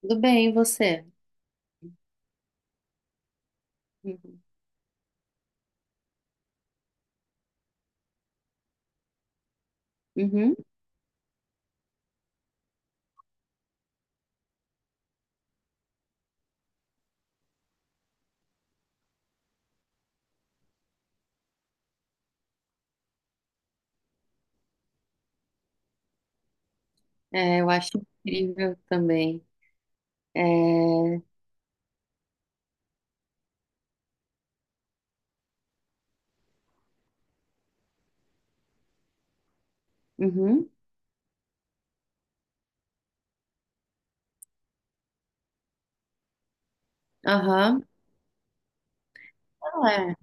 Tudo bem, e você? Uhum. Uhum. É, eu acho incrível também. É... Uhum. Aham. Ah, é.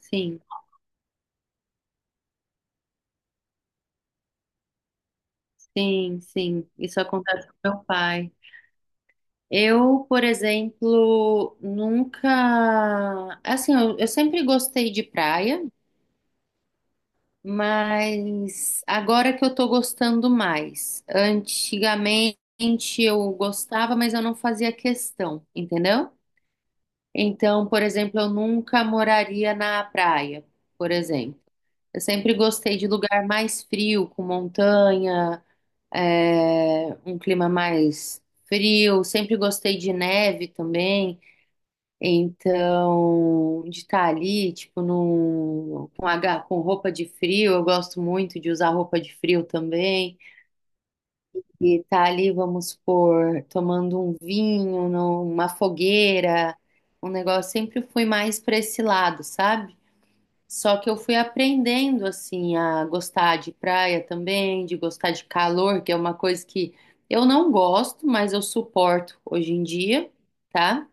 Sim, sim, sim. Isso acontece com meu pai. Eu, por exemplo, nunca. Assim, eu sempre gostei de praia, mas agora que eu tô gostando mais. Antigamente eu gostava, mas eu não fazia questão, entendeu? Então, por exemplo, eu nunca moraria na praia, por exemplo. Eu sempre gostei de lugar mais frio, com montanha, é, um clima mais frio. Sempre gostei de neve também. Então, de estar ali, tipo, num, com, com roupa de frio, eu gosto muito de usar roupa de frio também. E tá ali, vamos supor, tomando um vinho, numa fogueira, um negócio. Sempre fui mais para esse lado, sabe? Só que eu fui aprendendo, assim, a gostar de praia também, de gostar de calor, que é uma coisa que eu não gosto, mas eu suporto hoje em dia, tá?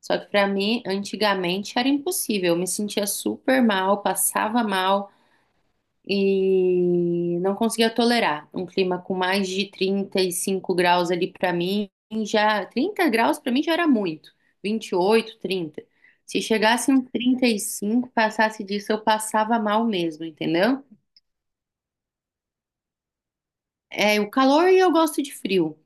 Só que para mim, antigamente, era impossível. Eu me sentia super mal, passava mal e não conseguia tolerar um clima com mais de 35 graus ali para mim, já 30 graus para mim já era muito, 28, 30. Se chegasse um 35, passasse disso, eu passava mal mesmo, entendeu? É, o calor e eu gosto de frio.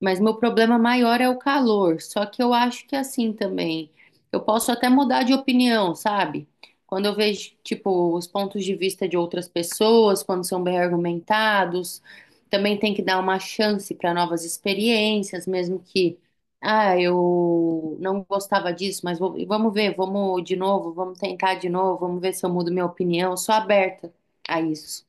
Mas meu problema maior é o calor. Só que eu acho que assim também. Eu posso até mudar de opinião, sabe? Quando eu vejo, tipo, os pontos de vista de outras pessoas, quando são bem argumentados, também tem que dar uma chance para novas experiências, mesmo que, ah, eu não gostava disso, mas vamos ver, vamos de novo, vamos tentar de novo, vamos ver se eu mudo minha opinião. Eu sou aberta a isso.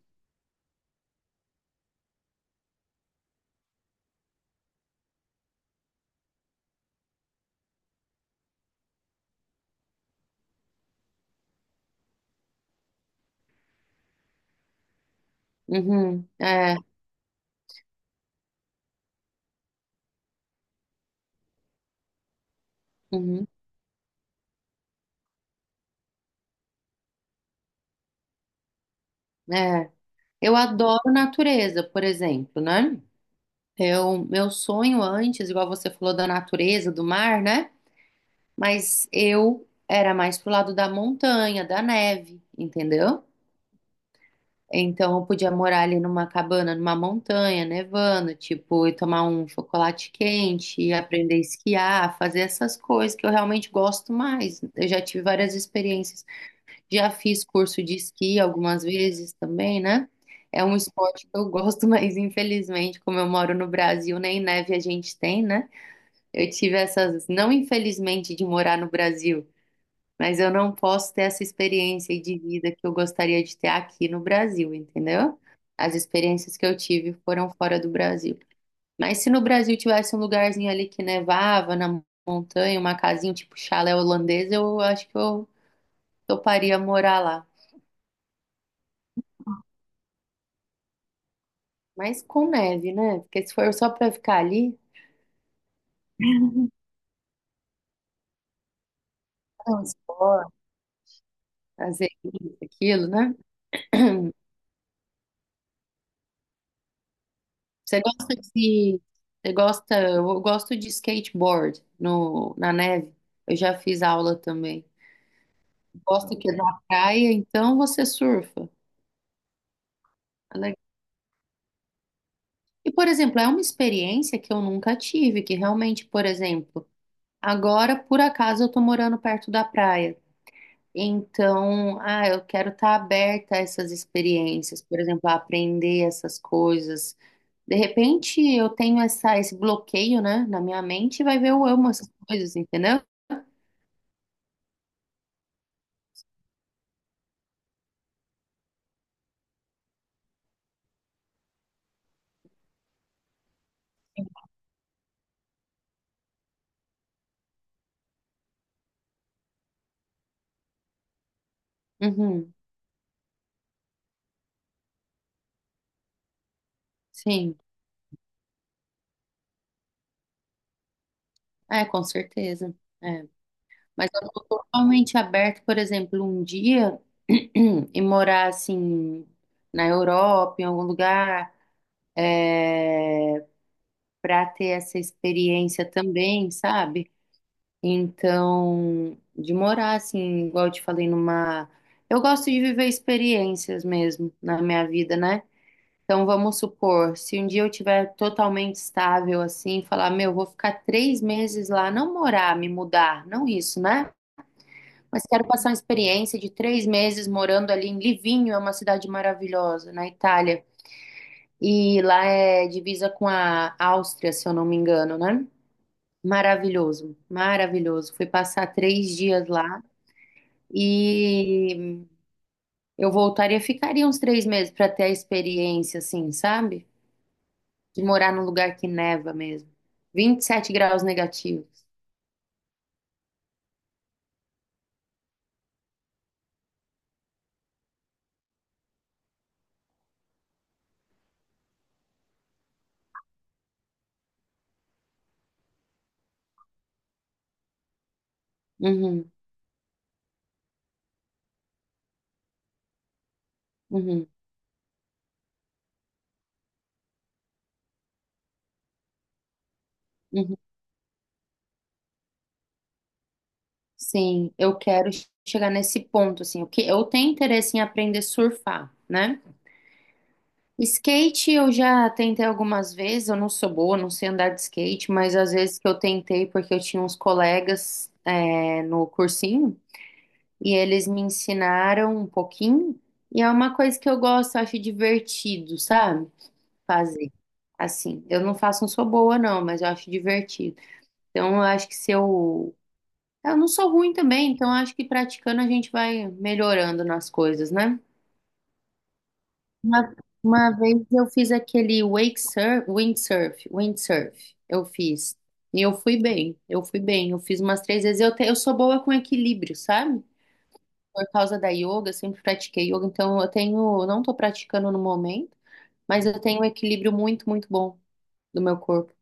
Uhum, é, uhum, é. Eu adoro natureza, por exemplo, né? Eu, meu sonho antes, igual você falou da natureza, do mar, né? Mas eu era mais pro lado da montanha, da neve, entendeu? Então eu podia morar ali numa cabana, numa montanha, nevando, tipo, e tomar um chocolate quente, e aprender a esquiar, fazer essas coisas que eu realmente gosto mais. Eu já tive várias experiências, já fiz curso de esqui algumas vezes também, né? É um esporte que eu gosto, mas infelizmente, como eu moro no Brasil, nem neve a gente tem, né? Eu tive essas, não infelizmente de morar no Brasil, mas eu não posso ter essa experiência de vida que eu gostaria de ter aqui no Brasil, entendeu? As experiências que eu tive foram fora do Brasil. Mas se no Brasil tivesse um lugarzinho ali que nevava na montanha, uma casinha tipo chalé holandês, eu acho que eu toparia morar lá. Mas com neve, né? Porque se for só pra ficar ali, transporte, fazer isso, aquilo, né? Você gosta de. Você gosta. Eu gosto de skateboard no, na neve. Eu já fiz aula também. Gosto que é da praia, então você surfa. É legal. E, por exemplo, é uma experiência que eu nunca tive, que realmente, por exemplo, agora por acaso eu tô morando perto da praia. Então, ah, eu quero estar aberta a essas experiências, por exemplo, a aprender essas coisas. De repente, eu tenho essa, esse bloqueio, né, na minha mente, e vai ver eu amo essas coisas, entendeu? Uhum, sim, é, com certeza. É. Mas eu estou totalmente aberta, por exemplo, um dia e morar assim na Europa, em algum lugar, para ter essa experiência também, sabe? Então, de morar assim, igual eu te falei, numa. Eu gosto de viver experiências mesmo na minha vida, né? Então, vamos supor, se um dia eu tiver totalmente estável assim, falar, meu, vou ficar 3 meses lá, não morar, me mudar, não isso, né? Mas quero passar uma experiência de 3 meses morando ali em Livinho, é uma cidade maravilhosa, na Itália. E lá é divisa com a Áustria, se eu não me engano, né? Maravilhoso, maravilhoso. Fui passar 3 dias lá. E eu voltaria, ficaria uns 3 meses para ter a experiência, assim, sabe? De morar num lugar que neva mesmo. 27 graus negativos. Uhum, uhum, uhum. Sim, eu quero chegar nesse ponto, assim. O que, eu tenho interesse em aprender a surfar, né? Skate eu já tentei algumas vezes, eu não sou boa, não sei andar de skate, mas às vezes que eu tentei porque eu tinha uns colegas é, no cursinho, e eles me ensinaram um pouquinho, e é uma coisa que eu gosto, eu acho divertido, sabe? Fazer. Assim, eu não faço, não sou boa, não, mas eu acho divertido. Então, eu acho que se eu. Eu não sou ruim também, então eu acho que praticando a gente vai melhorando nas coisas, né? Uma, uma vez eu fiz aquele wake surf, windsurf, eu fiz. E eu fui bem. Eu fiz umas 3 vezes. Eu, eu sou boa com equilíbrio, sabe? Por causa da yoga, eu sempre pratiquei yoga, então eu tenho, não tô praticando no momento, mas eu tenho um equilíbrio muito bom do meu corpo.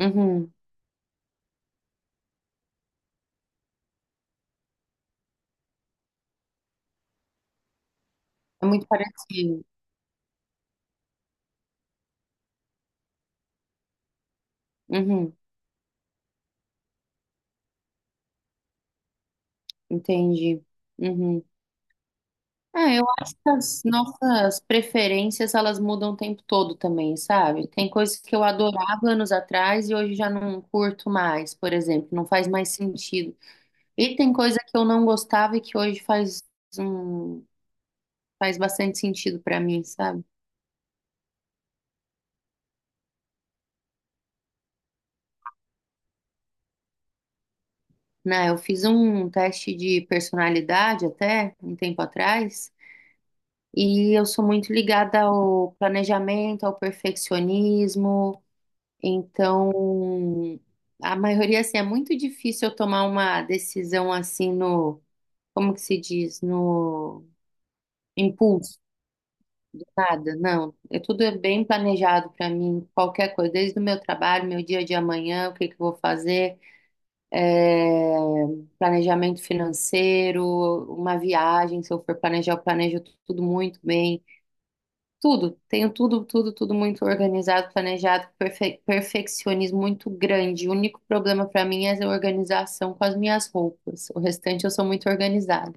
Uhum. É muito parecido. Uhum. Entendi. Uhum. Ah, eu acho que as nossas preferências, elas mudam o tempo todo também, sabe? Tem coisas que eu adorava anos atrás e hoje já não curto mais, por exemplo, não faz mais sentido. E tem coisa que eu não gostava e que hoje faz um, faz bastante sentido pra mim, sabe? Né, eu fiz um teste de personalidade até um tempo atrás, e eu sou muito ligada ao planejamento, ao perfeccionismo. Então, a maioria, assim, é muito difícil eu tomar uma decisão assim no, como que se diz, no impulso, nada. Não, é tudo é bem planejado para mim, qualquer coisa, desde o meu trabalho, meu dia de amanhã, o que que eu vou fazer. É, planejamento financeiro, uma viagem, se eu for planejar, eu planejo tudo muito bem. Tudo, tenho tudo, tudo muito organizado, planejado, perfeccionismo muito grande. O único problema para mim é a organização com as minhas roupas. O restante eu sou muito organizada.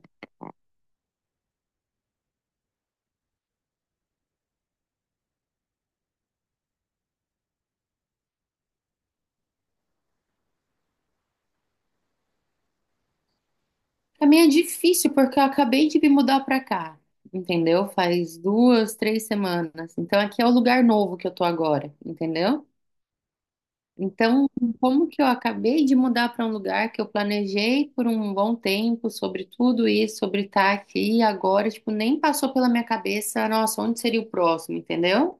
Para mim é difícil porque eu acabei de me mudar para cá, entendeu? Faz duas, 3 semanas. Então aqui é o lugar novo que eu tô agora, entendeu? Então, como que eu acabei de mudar para um lugar que eu planejei por um bom tempo sobre tudo isso, sobre estar aqui e agora, tipo, nem passou pela minha cabeça, nossa, onde seria o próximo, entendeu?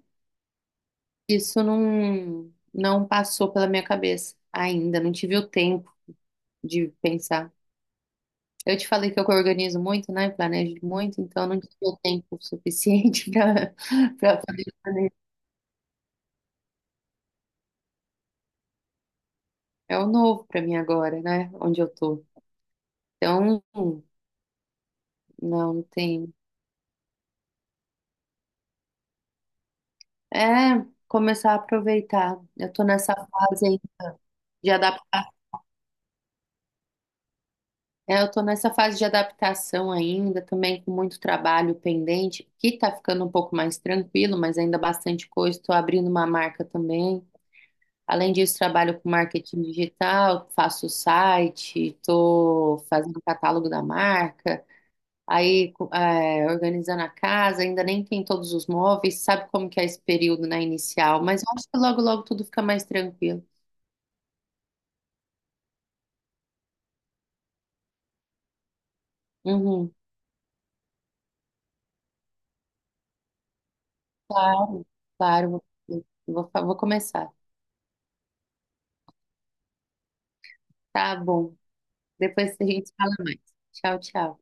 Isso não passou pela minha cabeça ainda, não tive o tempo de pensar. Eu te falei que eu organizo muito, né? Planejo muito, então eu não tive o tempo suficiente para para fazer. É o novo para mim agora, né? Onde eu tô. Então, não tem É, começar a aproveitar. Eu tô nessa fase aí de adaptar. É, eu tô nessa fase de adaptação ainda, também com muito trabalho pendente, que tá ficando um pouco mais tranquilo, mas ainda bastante coisa. Estou abrindo uma marca também. Além disso, trabalho com marketing digital, faço site, estou fazendo catálogo da marca, aí é, organizando a casa, ainda nem tem todos os móveis, sabe como que é esse período, né, inicial, mas eu acho que logo, logo tudo fica mais tranquilo. Uhum. Claro, claro, vou começar. Tá bom. Depois a gente fala mais. Tchau, tchau.